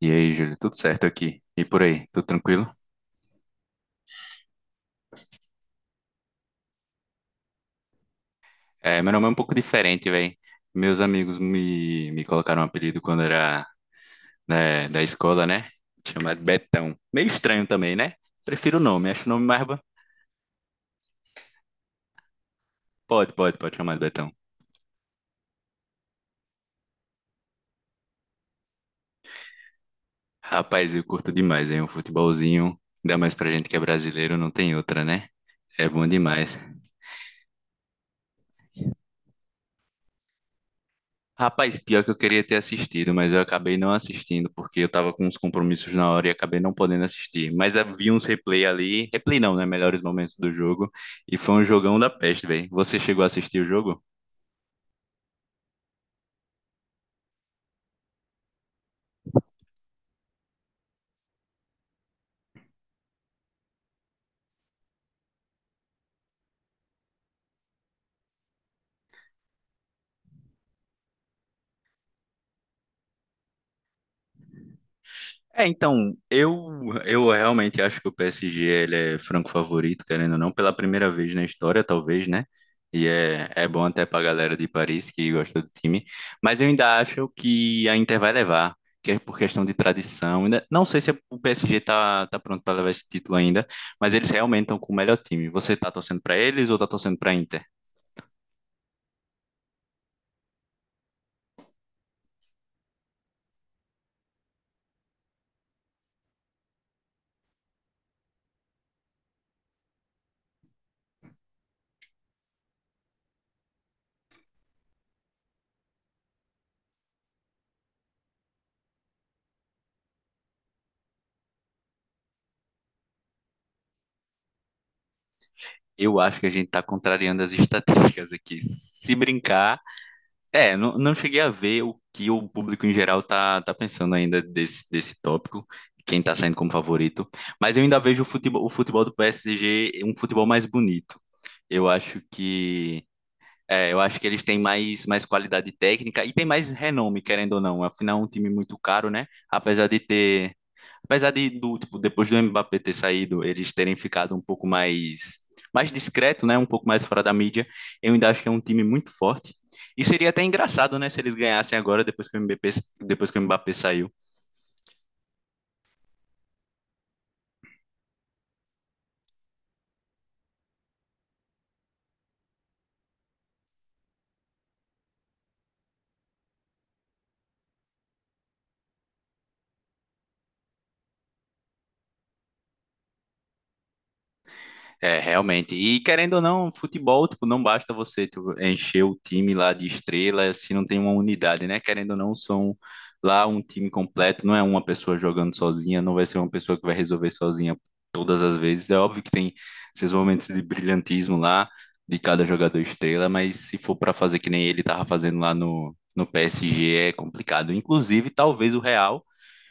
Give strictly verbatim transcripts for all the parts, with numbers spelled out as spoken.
E aí, Júlio, tudo certo aqui? E por aí, tudo tranquilo? É, meu nome é um pouco diferente, velho. Meus amigos me, me colocaram um apelido quando era, né, da escola, né? Chamado de Betão. Meio estranho também, né? Prefiro o nome, acho o nome mais... ba- Pode, pode, pode chamar de Betão. Rapaz, eu curto demais, hein? Um futebolzinho, ainda mais pra gente que é brasileiro, não tem outra, né? É bom demais. Rapaz, pior que eu queria ter assistido, mas eu acabei não assistindo porque eu tava com uns compromissos na hora e acabei não podendo assistir. Mas havia uns replay ali, replay não, né? Melhores momentos do jogo. E foi um jogão da peste, velho. Você chegou a assistir o jogo? É, então, eu, eu realmente acho que o P S G ele é franco favorito, querendo ou não, pela primeira vez na história, talvez, né? E é, é bom até pra galera de Paris que gosta do time. Mas eu ainda acho que a Inter vai levar, que é por questão de tradição. Ainda, não sei se é, o P S G tá, tá pronto pra levar esse título ainda, mas eles realmente estão com o melhor time. Você tá torcendo pra eles ou tá torcendo pra Inter? Eu acho que a gente tá contrariando as estatísticas aqui. Se brincar. É, não, não cheguei a ver o que o público em geral tá, tá pensando ainda desse, desse tópico, quem tá saindo como favorito, mas eu ainda vejo o futebol, o futebol do P S G um futebol mais bonito. Eu acho que é, eu acho que eles têm mais, mais qualidade técnica e tem mais renome, querendo ou não. Afinal, é um time muito caro, né? Apesar de ter Apesar de, do, tipo, depois do Mbappé ter saído, eles terem ficado um pouco mais, mais discreto, né? Um pouco mais fora da mídia, eu ainda acho que é um time muito forte. E seria até engraçado, né? Se eles ganhassem agora, depois que o Mbappé, depois que o Mbappé saiu. É, realmente. E querendo ou não, futebol, tipo, não basta você, tipo, encher o time lá de estrela se não tem uma unidade, né? Querendo ou não, são lá um time completo, não é uma pessoa jogando sozinha, não vai ser uma pessoa que vai resolver sozinha todas as vezes. É óbvio que tem esses momentos de brilhantismo lá de cada jogador estrela, mas se for para fazer que nem ele tava fazendo lá no, no P S G, é complicado. Inclusive, talvez o Real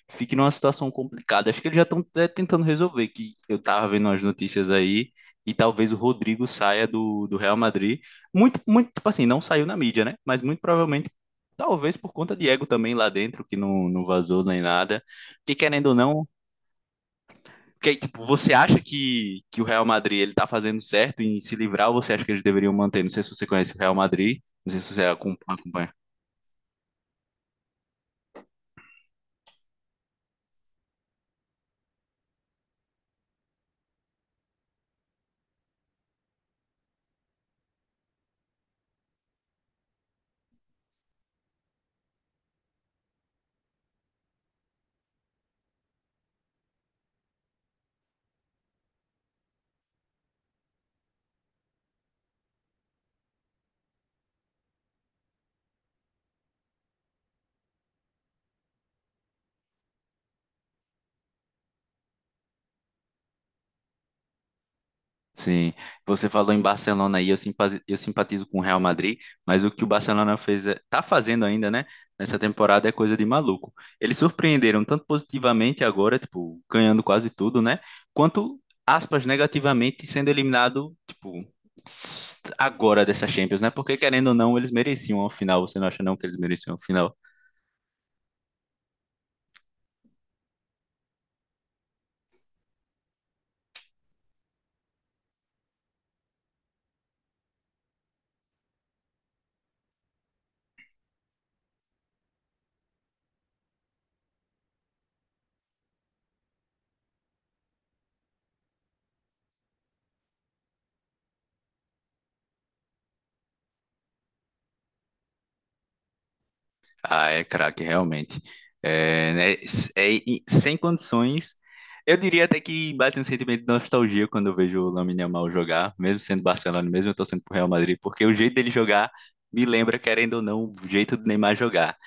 fique numa situação complicada. Acho que eles já estão tentando resolver, que eu tava vendo as notícias aí, e talvez o Rodrigo saia do, do Real Madrid. Muito, muito, tipo assim, não saiu na mídia, né? Mas muito provavelmente, talvez por conta de ego também lá dentro, que não, não vazou nem nada. Porque querendo ou não, que, tipo, você acha que, que o Real Madrid ele tá fazendo certo em se livrar, ou você acha que eles deveriam manter? Não sei se você conhece o Real Madrid, não sei se você acompanha. Sim, você falou em Barcelona aí, eu simpatizo, eu simpatizo com o Real Madrid, mas o que o Barcelona fez, é- tá fazendo ainda, né, nessa temporada é coisa de maluco. Eles surpreenderam tanto positivamente agora, tipo, ganhando quase tudo, né, quanto, aspas, negativamente sendo eliminado, tipo, tss, agora dessa Champions, né, porque querendo ou não, eles mereciam a final, você não acha não que eles mereciam a final? Ah, é craque, realmente. É, né, s- é, e sem condições. Eu diria até que bate um sentimento de nostalgia quando eu vejo o Lamine Yamal jogar, mesmo sendo Barcelona, mesmo eu torcendo pro Real Madrid, porque o jeito dele jogar me lembra, querendo ou não, o jeito do Neymar jogar.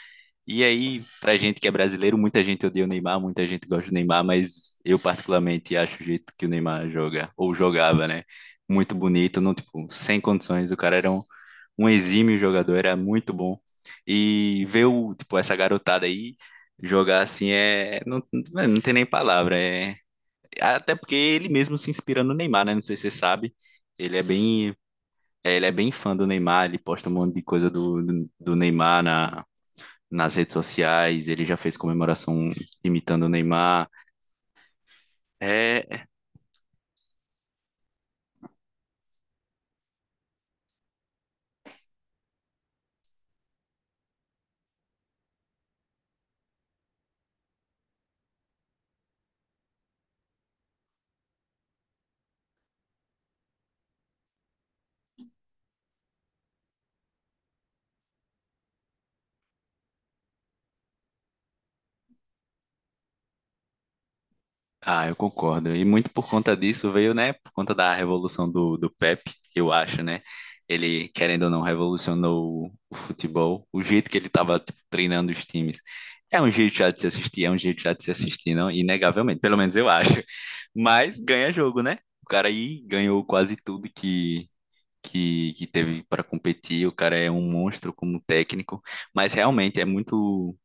E aí, pra gente que é brasileiro, muita gente odeia o Neymar, muita gente gosta do Neymar, mas eu particularmente acho o jeito que o Neymar joga, ou jogava, né? Muito bonito, não, tipo, sem condições. O cara era um um exímio jogador, era muito bom. E ver o, tipo, essa garotada aí jogar assim é. Não, é, não tem nem palavra. É... Até porque ele mesmo se inspira no Neymar, né? Não sei se você sabe. Ele é bem. É, ele é bem fã do Neymar, ele posta um monte de coisa do, do, do Neymar na, nas redes sociais, ele já fez comemoração imitando o Neymar. É, ah, eu concordo. E muito por conta disso veio, né? Por conta da revolução do, do Pepe, eu acho, né? Ele, querendo ou não, revolucionou o, o futebol. O jeito que ele estava treinando os times. É um jeito já de se assistir, é um jeito já de se assistir, não? Inegavelmente, pelo menos eu acho. Mas ganha jogo, né? O cara aí ganhou quase tudo que, que, que teve para competir. O cara é um monstro como técnico. Mas realmente é muito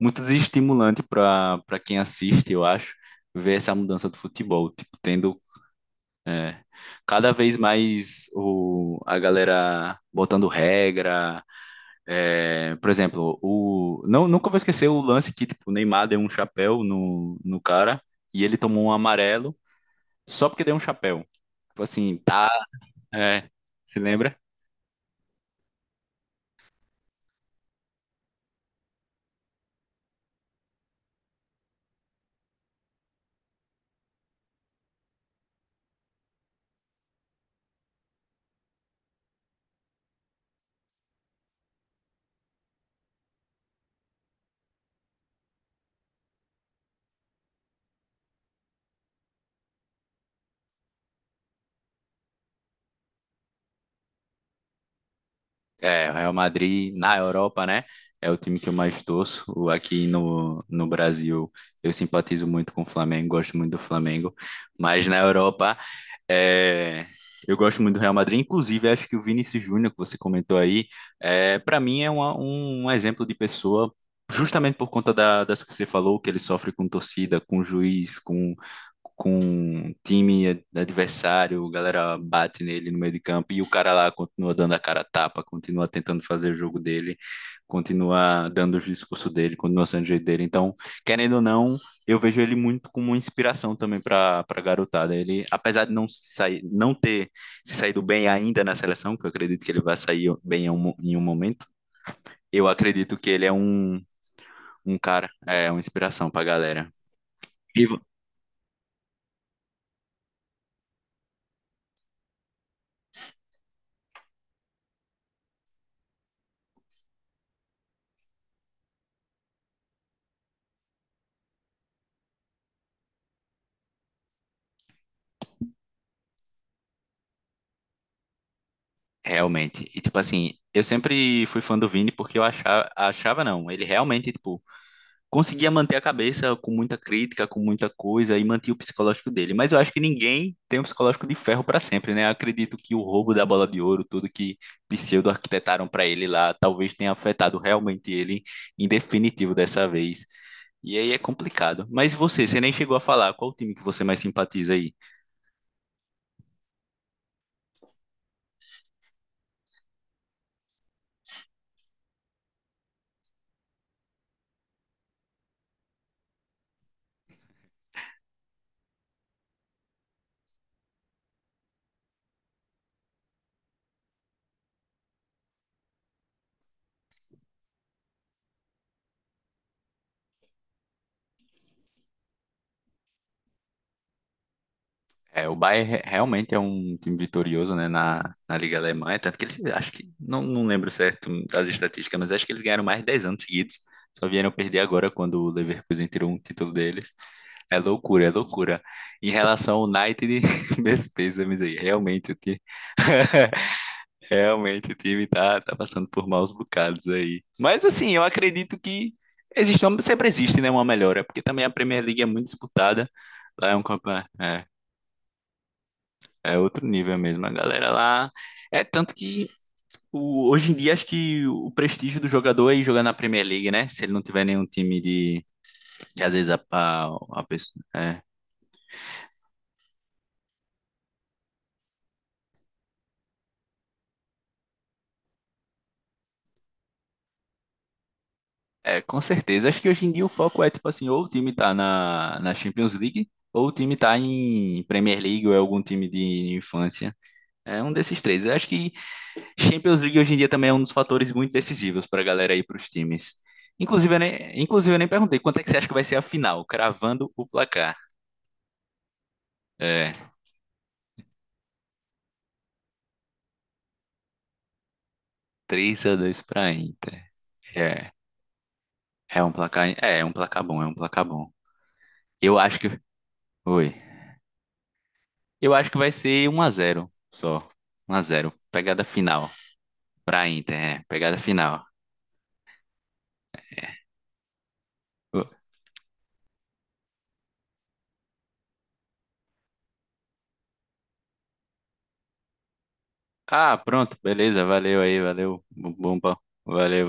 muito desestimulante para para quem assiste, eu acho, ver essa mudança do futebol, tipo, tendo cada vez mais o, a galera botando regra, é, por exemplo, o não nunca vou esquecer o lance que tipo, o Neymar deu um chapéu no, no cara e ele tomou um amarelo só porque deu um chapéu. Tipo assim, tá, é, se lembra? É, o Real Madrid na Europa, né? É o time que eu mais torço. O- Aqui no, no Brasil, eu simpatizo muito com o Flamengo, gosto muito do Flamengo. Mas na Europa, é, eu gosto muito do Real Madrid. Inclusive, acho que o Vinícius Júnior, que você comentou aí, é, para mim é uma- um, um exemplo de pessoa, justamente por conta da, das que você falou, que ele sofre com torcida, com juiz, com, com time ad- adversário, a galera bate nele no meio de campo e o cara lá continua dando a cara a tapa, continua tentando fazer o jogo dele, continua dando o discurso dele, continua sendo o jeito dele. Então, querendo ou não, eu vejo ele muito como uma inspiração também para para garotada. Ele, apesar de não se sair, não ter se saído bem ainda na seleção, que eu acredito que ele vai sair bem em um, em um momento, eu acredito que ele é um, um cara, é uma inspiração para a galera. E, vo- Realmente. E tipo assim, eu sempre fui fã do Vini porque eu achava, achava não, ele realmente tipo conseguia manter a cabeça com muita crítica, com muita coisa e mantinha o psicológico dele. Mas eu acho que ninguém tem um psicológico de ferro para sempre, né? Acredito que o roubo da bola de ouro, tudo que pseudo arquitetaram para ele lá, talvez tenha afetado realmente ele em definitivo dessa vez. E aí é complicado. Mas você, você nem chegou a falar, qual o time que você mais simpatiza aí? É, o Bayern re- realmente é um time vitorioso, né, na, na Liga Alemã. É tanto que eles, acho que, não, não lembro certo das estatísticas, mas acho que eles ganharam mais de dez anos seguidos, só vieram perder agora quando o Leverkusen tirou um título deles. É loucura, é loucura. Em relação ao United, meus pêsames aí, realmente o time, realmente o time tá, tá passando por maus bocados aí. Mas assim, eu acredito que existe, uma- sempre existe, né, uma melhora, porque também a Premier League é muito disputada, lá é um campeonato é outro nível mesmo, a galera lá. É tanto que o- hoje em dia acho que o prestígio do jogador é ir jogar na Premier League, né? Se ele não tiver nenhum time de. Que às vezes a, a, a pessoa. É. É, com certeza. Acho que hoje em dia o foco é tipo assim, ou o time tá na, na Champions League, ou o time tá em Premier League, ou é algum time de infância. É um desses três. Eu acho que Champions League hoje em dia também é um dos fatores muito decisivos pra galera ir pros times. Inclusive, eu nem, inclusive, eu nem perguntei quanto é que você acha que vai ser a final, cravando o placar. É, três a dois pra Inter. É, é um placar, é, é um placar bom, é um placar bom. Eu acho que, oi. Eu acho que vai ser um a zero só. Um a zero. Pegada final pra Inter, é, pegada final. Ah, pronto, beleza, valeu aí, valeu. Bom, bom, bom. Valeu,